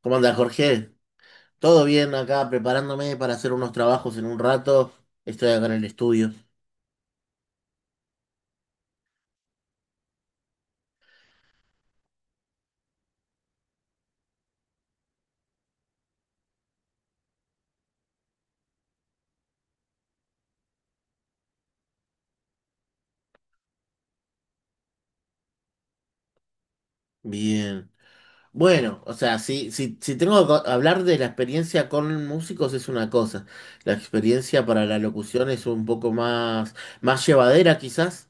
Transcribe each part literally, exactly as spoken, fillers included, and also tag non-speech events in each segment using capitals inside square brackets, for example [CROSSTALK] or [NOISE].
¿Cómo andas, Jorge? Todo bien acá, preparándome para hacer unos trabajos en un rato. Estoy acá en el estudio. Bien. Bueno, o sea, si, si, si tengo que co- hablar de la experiencia con músicos es una cosa. La experiencia para la locución es un poco más, más llevadera quizás.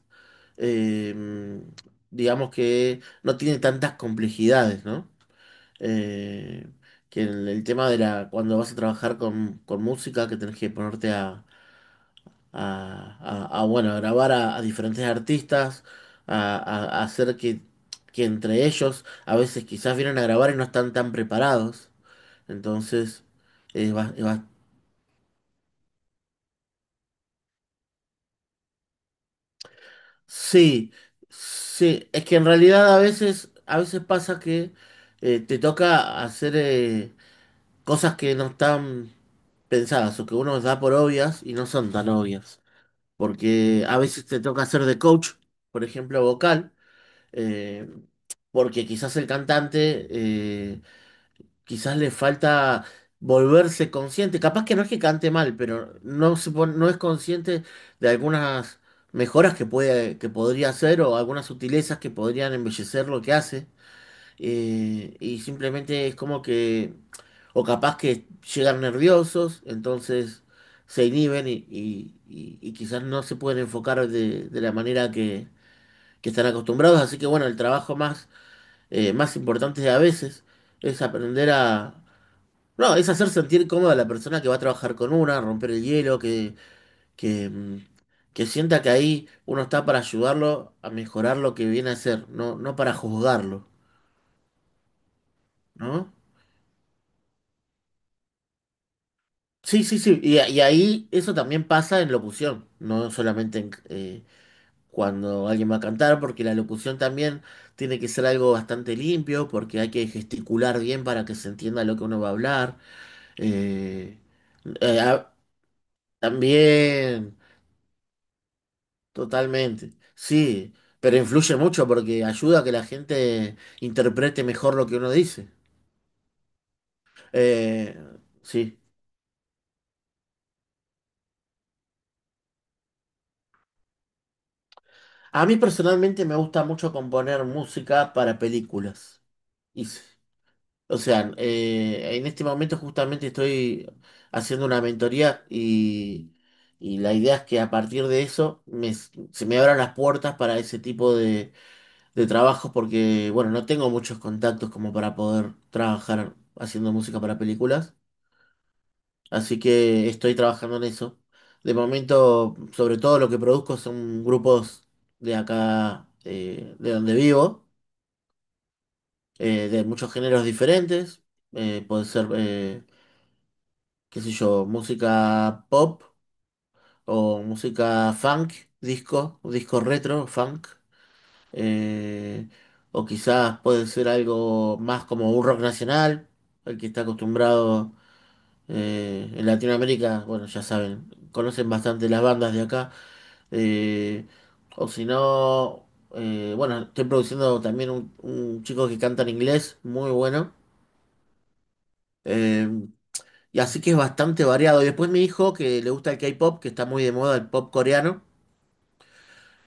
Eh, digamos que no tiene tantas complejidades, ¿no? Eh, que el, el tema de la, cuando vas a trabajar con, con música, que tenés que ponerte a, a- a, bueno, a grabar a, a diferentes artistas, a, a- a hacer que, que entre ellos a veces quizás vienen a grabar y no están tan preparados. Entonces, eh, va- eh, va- sí, sí, es que en realidad a veces, a veces pasa que eh, te toca hacer eh, cosas que no están pensadas o que uno da por obvias y no son tan obvias. Porque a veces te toca hacer de coach, por ejemplo, vocal. eh, Porque quizás el cantante, eh, quizás le falta volverse consciente. Capaz que no es que cante mal, pero no se pon- no es consciente de algunas mejoras que puede, que podría hacer o algunas sutilezas que podrían embellecer lo que hace. Eh, y simplemente es como que, o capaz que llegan nerviosos, entonces se inhiben y, y- y- y quizás no se pueden enfocar de, de la manera que que están acostumbrados. Así que bueno, el trabajo más eh, más importantes a veces, es aprender a... No, es hacer sentir cómoda a la persona que va a trabajar con una, romper el hielo, que, que, mm, que sienta que ahí uno está para ayudarlo a mejorar lo que viene a hacer, no, no para juzgarlo, ¿no? Sí, sí, sí, y, a- y ahí eso también pasa en locución, no solamente en, eh, cuando alguien va a cantar, porque la locución también tiene que ser algo bastante limpio, porque hay que gesticular bien para que se entienda lo que uno va a hablar. Eh, eh, ah, también, totalmente. Sí, pero influye mucho porque ayuda a que la gente interprete mejor lo que uno dice. Eh, sí. A mí personalmente me gusta mucho componer música para películas. Y sí. O sea, eh, en este momento justamente estoy haciendo una mentoría y, y la idea es que a partir de eso me- se me abran las puertas para ese tipo de trabajo porque, bueno, no tengo muchos contactos como para poder trabajar haciendo música para películas, así que estoy trabajando en eso. De momento, sobre todo lo que produzco son grupos de acá, eh, de donde vivo, eh, de muchos géneros diferentes. Eh, puede ser, eh, qué sé yo, música pop o música funk, disco, disco retro, funk. eh, o quizás puede ser algo más como un rock nacional, el que está acostumbrado eh, en Latinoamérica, bueno, ya saben, conocen bastante las bandas de acá, eh, o si no, eh, bueno, estoy produciendo también un, un chico que canta en inglés, muy bueno. eh, y así que es bastante variado. Y después mi hijo, que le gusta el K-pop, que está muy de moda el pop coreano.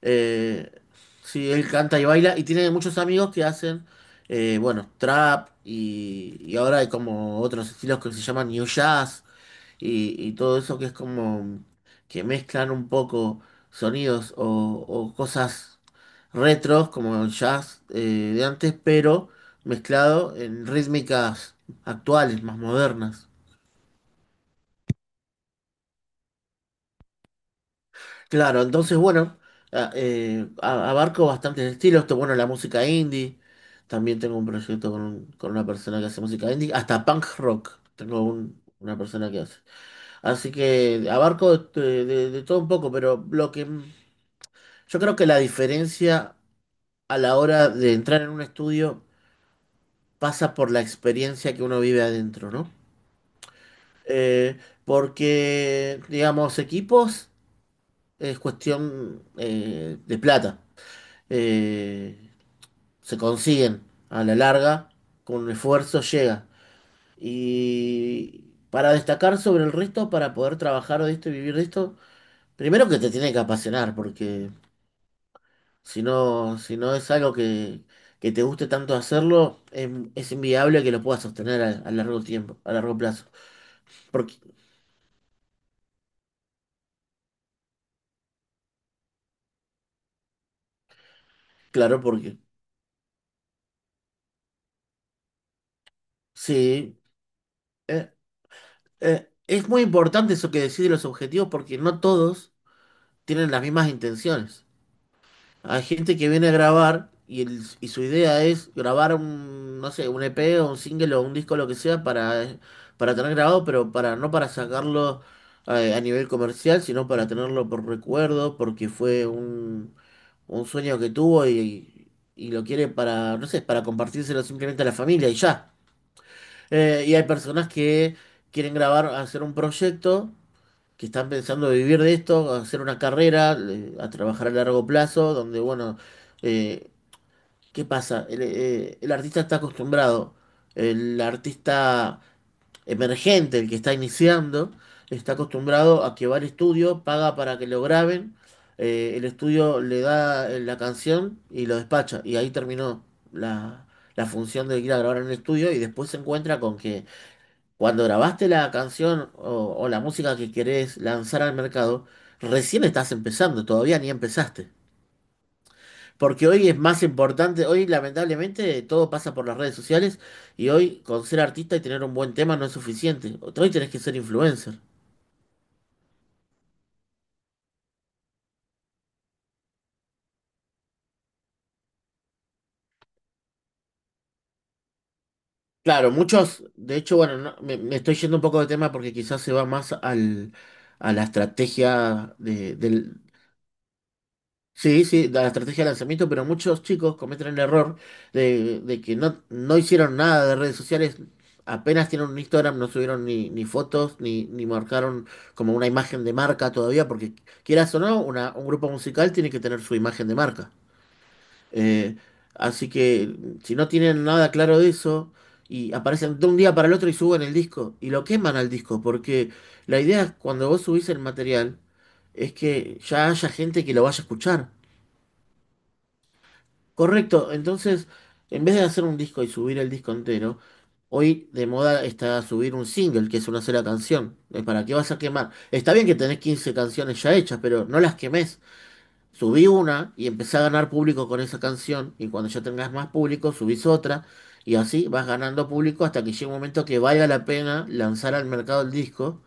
Eh, sí, él canta y baila y tiene muchos amigos que hacen, eh, bueno, trap y, y ahora hay como otros estilos que se llaman new jazz y, y todo eso que es como que mezclan un poco sonidos o, o cosas retros como el jazz eh, de antes, pero mezclado en rítmicas actuales, más modernas. Claro, entonces bueno, a- eh, a- abarco bastantes estilos. Esto, bueno, la música indie. También tengo un proyecto con, un- con una persona que hace música indie. Hasta punk rock tengo un- una persona que hace. Así que abarco de, de- de todo un poco, pero lo que m- yo creo que la diferencia a la hora de entrar en un estudio pasa por la experiencia que uno vive adentro, ¿no? Eh, Porque, digamos, equipos es cuestión eh, de plata. Eh, Se consiguen a la larga, con esfuerzo llega. Y para destacar sobre el resto, para poder trabajar de esto y vivir de esto, primero que te tiene que apasionar, porque si no, si no es algo que, que te guste tanto hacerlo, es, es inviable que lo puedas sostener a, a largo tiempo, a largo plazo. Porque, claro, porque sí, eh, eh, es muy importante eso que decís de los objetivos, porque no todos tienen las mismas intenciones. Hay gente que viene a grabar y, el- y su idea es grabar un, no sé, un E P o un single o un disco, lo que sea, para, para tener grabado, pero para, no para sacarlo eh, a nivel comercial, sino para tenerlo por recuerdo, porque fue un, un sueño que tuvo y, y lo quiere para, no sé, para compartírselo simplemente a la familia y ya. Eh, y hay personas que quieren grabar, hacer un proyecto que están pensando vivir de esto, hacer una carrera, le- a trabajar a largo plazo, donde, bueno, eh, ¿qué pasa? El, eh, el artista está acostumbrado, el artista emergente, el que está iniciando, está acostumbrado a que va al estudio, paga para que lo graben, eh, el estudio le da eh, la canción y lo despacha, y ahí terminó la... la función de ir a grabar en el estudio y después se encuentra con que cuando grabaste la canción o, o la música que querés lanzar al mercado, recién estás empezando, todavía ni empezaste. Porque hoy es más importante, hoy lamentablemente todo pasa por las redes sociales y hoy con ser artista y tener un buen tema no es suficiente. Hoy tenés que ser influencer. Claro, muchos, de hecho, bueno, no- me, me estoy yendo un poco de tema porque quizás se va más al, a la estrategia de, del- Sí, sí, la estrategia de lanzamiento, pero muchos chicos cometen el error de, de que no, no hicieron nada de redes sociales, apenas tienen un Instagram, no subieron ni, ni fotos, ni, ni marcaron como una imagen de marca todavía, porque quieras o no, una- un grupo musical tiene que tener su imagen de marca. Eh, Así que si no tienen nada claro de eso, y aparecen de un día para el otro y suben el disco, y lo queman al disco, porque la idea es cuando vos subís el material, es que ya haya gente que lo vaya a escuchar. Correcto, entonces en vez de hacer un disco y subir el disco entero, hoy de moda está subir un single, que es una sola canción. Eh, ¿Para qué vas a quemar? Está bien que tenés quince canciones ya hechas, pero no las quemés. Subí una y empecé a ganar público con esa canción, y cuando ya tengas más público, subís otra, y así vas ganando público hasta que llegue un momento que valga la pena lanzar al mercado el disco,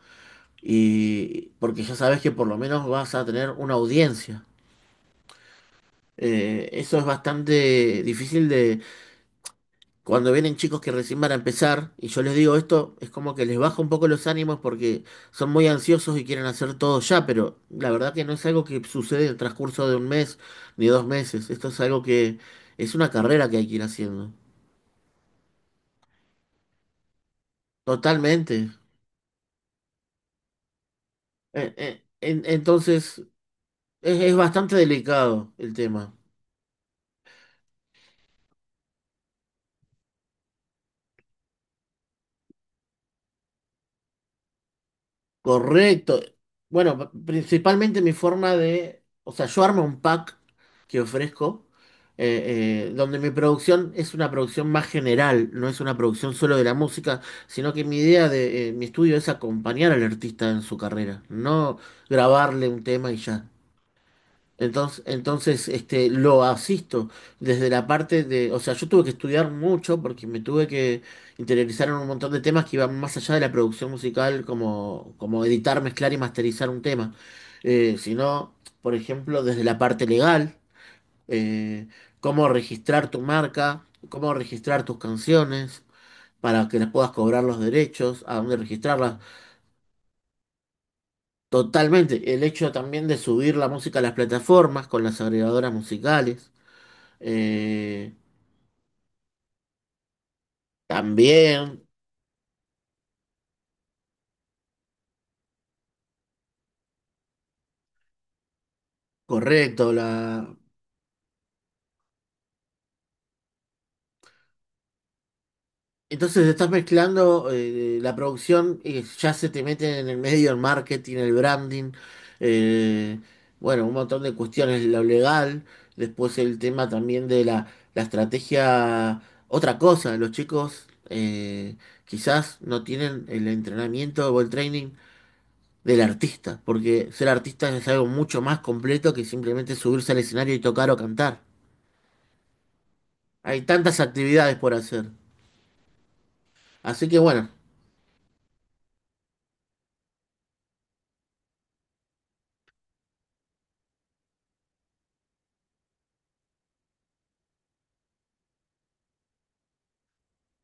y porque ya sabes que por lo menos vas a tener una audiencia. Eh, eso es bastante difícil. Cuando vienen chicos que recién van a empezar y yo les digo esto, es como que les baja un poco los ánimos porque son muy ansiosos y quieren hacer todo ya, pero la verdad que no es algo que sucede en el transcurso de un mes ni dos meses. Esto es algo que es una carrera que hay que ir haciendo. Totalmente. Eh, eh, en- entonces, es, es bastante delicado el tema. Correcto. Bueno, principalmente mi forma de, o sea, yo armo un pack que ofrezco, eh, eh, donde mi producción es una producción más general, no es una producción solo de la música, sino que mi idea de eh, mi estudio es acompañar al artista en su carrera, no grabarle un tema y ya. Entonces, entonces este, lo asisto desde la parte de, o sea, yo tuve que estudiar mucho porque me tuve que interiorizar en un montón de temas que iban más allá de la producción musical, como, como editar, mezclar y masterizar un tema. Eh, sino, por ejemplo, desde la parte legal, eh, cómo registrar tu marca, cómo registrar tus canciones para que las puedas cobrar los derechos, a dónde registrarlas. Totalmente, el hecho también de subir la música a las plataformas con las agregadoras musicales. Eh, También, correcto. La... Entonces estás mezclando eh, la producción y ya se te mete en el medio el marketing, el branding, eh, bueno, un montón de cuestiones, lo legal, después el tema también de la, la estrategia, otra cosa, los chicos eh, quizás no tienen el entrenamiento o el training del artista, porque ser artista es algo mucho más completo que simplemente subirse al escenario y tocar o cantar. Hay tantas actividades por hacer. Así que bueno,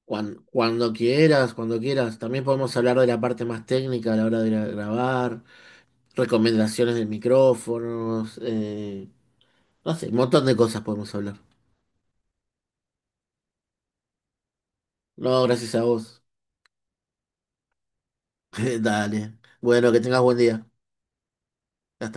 cuan- cuando, quieras, cuando quieras, también podemos hablar de la parte más técnica a la hora de ir a grabar, recomendaciones de micrófonos, eh, no sé, un montón de cosas podemos hablar. No, gracias a vos. [LAUGHS] Dale. Bueno, que tengas buen día.